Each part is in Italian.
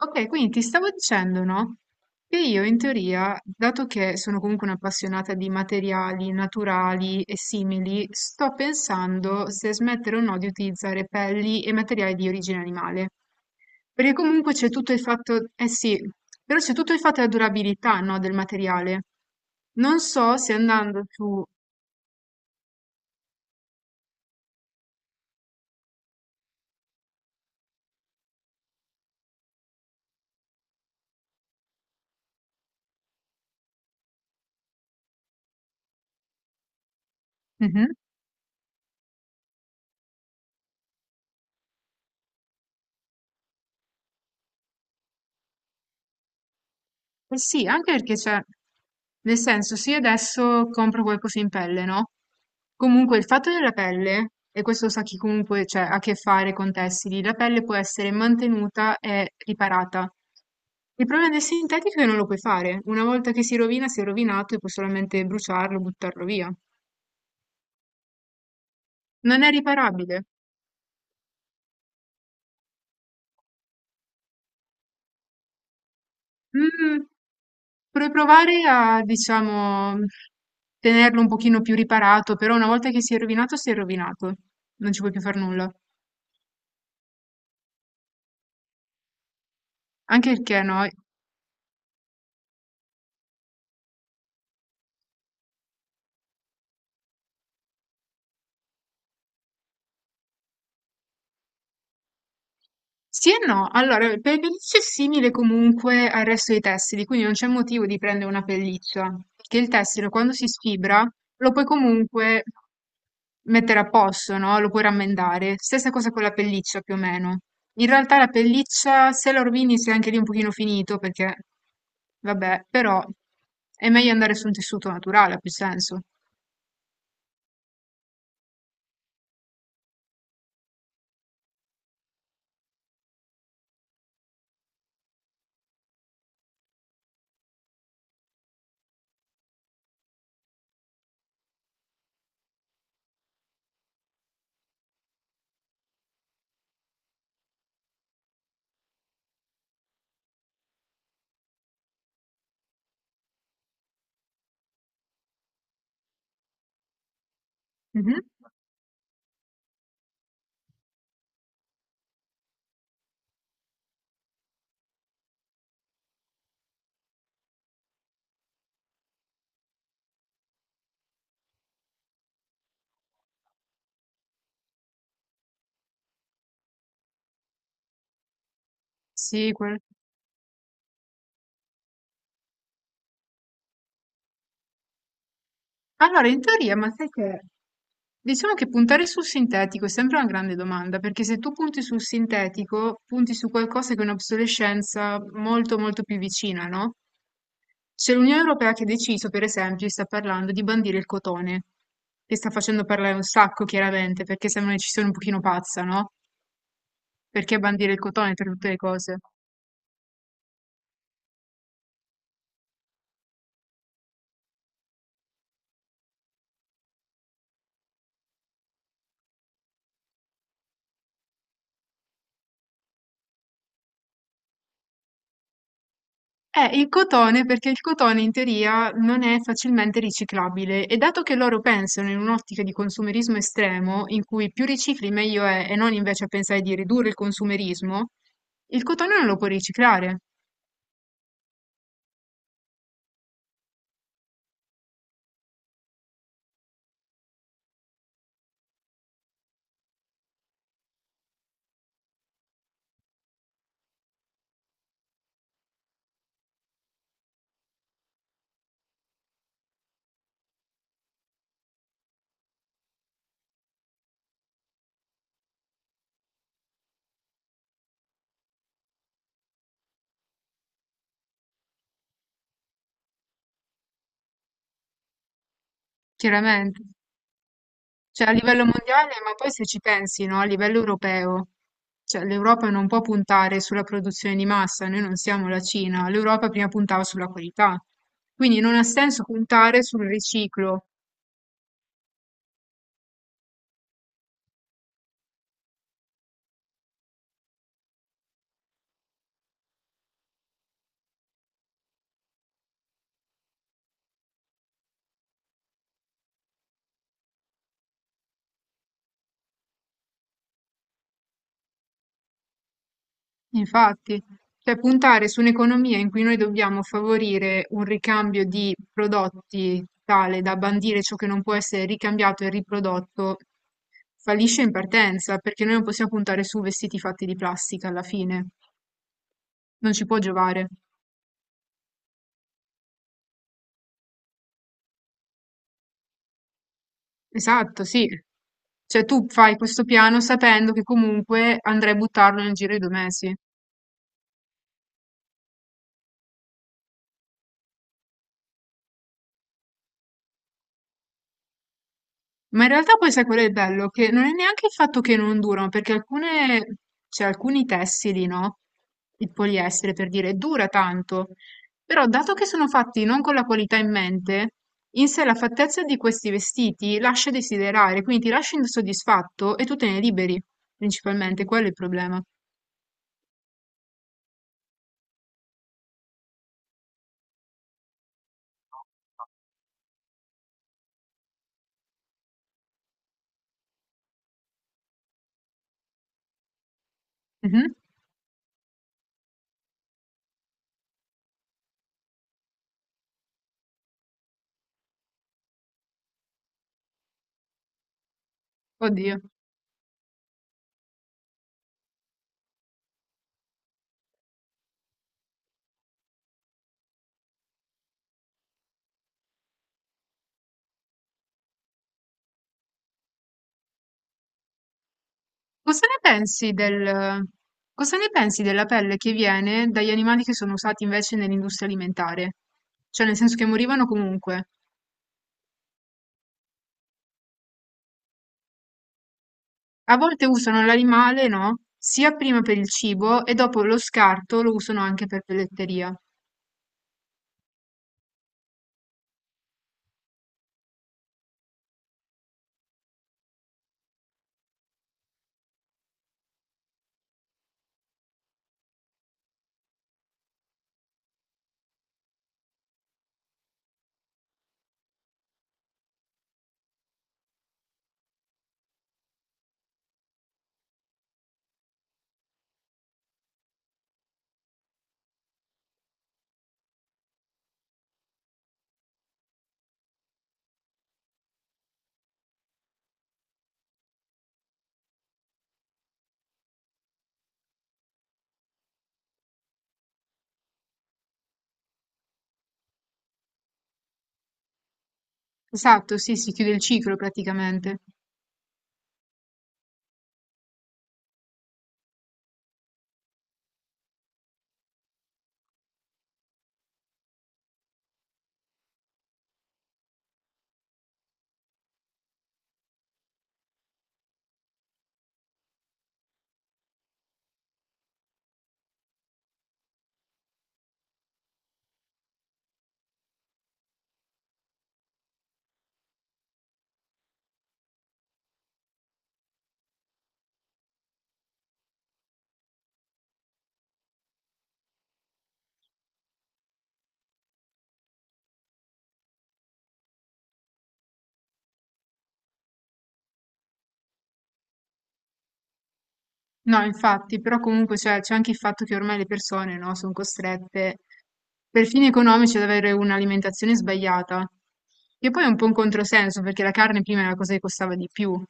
Ok, quindi ti stavo dicendo, no? Che io in teoria, dato che sono comunque un'appassionata di materiali naturali e simili, sto pensando se smettere o no di utilizzare pelli e materiali di origine animale. Perché comunque c'è tutto il fatto, eh sì, però c'è tutto il fatto della durabilità, no, del materiale. Non so se andando su... Mhm. Eh sì, anche perché cioè, nel senso, se io adesso compro qualcosa in pelle, no? Comunque il fatto della pelle, e questo sa chi comunque cioè, ha a che fare con tessili, la pelle può essere mantenuta e riparata. Il problema del sintetico è che non lo puoi fare. Una volta che si rovina, si è rovinato e puoi solamente bruciarlo, buttarlo via. Non è riparabile. Mh, vorrei provare a, diciamo, tenerlo un pochino più riparato, però una volta che si è rovinato, si è rovinato. Non ci puoi più far nulla. Anche perché no. Sì e no, allora il pelliccio è simile comunque al resto dei tessili, quindi non c'è motivo di prendere una pelliccia, perché il tessile quando si sfibra lo puoi comunque mettere a posto, no? Lo puoi rammendare. Stessa cosa con la pelliccia più o meno. In realtà la pelliccia, se la rovini, sei anche lì un pochino finito, perché vabbè, però è meglio andare su un tessuto naturale, ha più senso. Mhm. Sì, quello. Allora, in teoria, ma sai che diciamo che puntare sul sintetico è sempre una grande domanda, perché se tu punti sul sintetico, punti su qualcosa che è un'obsolescenza molto più vicina, no? C'è l'Unione Europea che ha deciso, per esempio, sta parlando di bandire il cotone, che sta facendo parlare un sacco, chiaramente, perché sembra una decisione un pochino pazza, no? Perché bandire il cotone tra tutte le cose? Il cotone, perché il cotone in teoria non è facilmente riciclabile e dato che loro pensano in un'ottica di consumerismo estremo, in cui più ricicli meglio è e non invece a pensare di ridurre il consumerismo, il cotone non lo puoi riciclare, chiaramente. Cioè a livello mondiale, ma poi se ci pensi, no, a livello europeo, cioè l'Europa non può puntare sulla produzione di massa, noi non siamo la Cina, l'Europa prima puntava sulla qualità. Quindi non ha senso puntare sul riciclo. Infatti, cioè puntare su un'economia in cui noi dobbiamo favorire un ricambio di prodotti tale da bandire ciò che non può essere ricambiato e riprodotto, fallisce in partenza, perché noi non possiamo puntare su vestiti fatti di plastica alla fine, non ci può giovare. Esatto, sì. Cioè tu fai questo piano sapendo che comunque andrai a buttarlo nel giro di 2 mesi. Ma in realtà poi sai qual è il bello? Che non è neanche il fatto che non durano, perché alcune, cioè alcuni tessili, no? Il poliestere, per dire, dura tanto. Però dato che sono fatti non con la qualità in mente, in sé la fattezza di questi vestiti lascia desiderare, quindi ti lascia insoddisfatto e tu te ne liberi, principalmente, quello è il problema. Mhm. Oddio. Cosa ne pensi del- Cosa ne pensi della pelle che viene dagli animali che sono usati invece nell'industria alimentare? Cioè, nel senso che morivano comunque. A volte usano l'animale, no? Sia prima per il cibo e dopo lo scarto lo usano anche per pelletteria. Esatto, sì, si chiude il ciclo praticamente. No, infatti, però comunque cioè, c'è anche il fatto che ormai le persone, no, sono costrette per fini economici ad avere un'alimentazione sbagliata, che poi è un po' un controsenso perché la carne prima era la cosa che costava di più,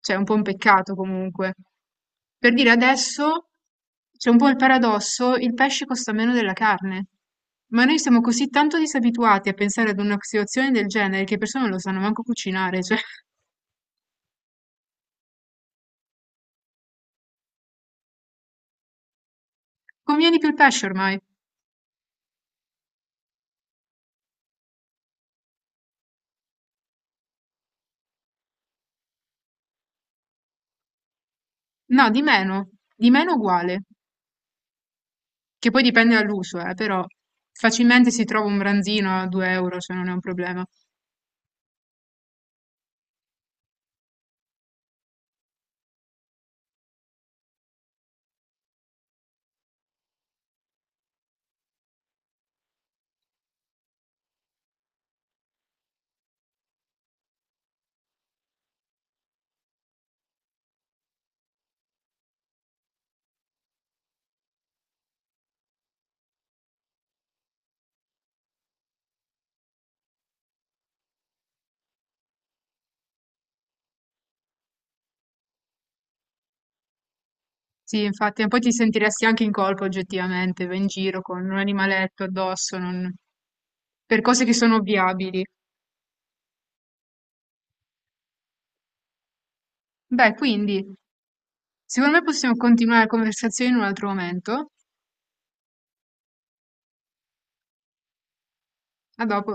cioè è un po' un peccato comunque. Per dire adesso c'è un po' il paradosso, il pesce costa meno della carne, ma noi siamo così tanto disabituati a pensare ad una situazione del genere che le persone non lo sanno manco cucinare, cioè conviene di più il pesce ormai. No, di meno uguale. Che poi dipende dall'uso, però facilmente si trova un branzino a 2 euro, cioè non è un problema. Sì, infatti, ma poi ti sentiresti anche in colpa oggettivamente, vai in giro con un animaletto addosso, non- per cose che sono ovviabili. Beh, quindi, secondo me possiamo continuare la conversazione in un altro momento. A dopo.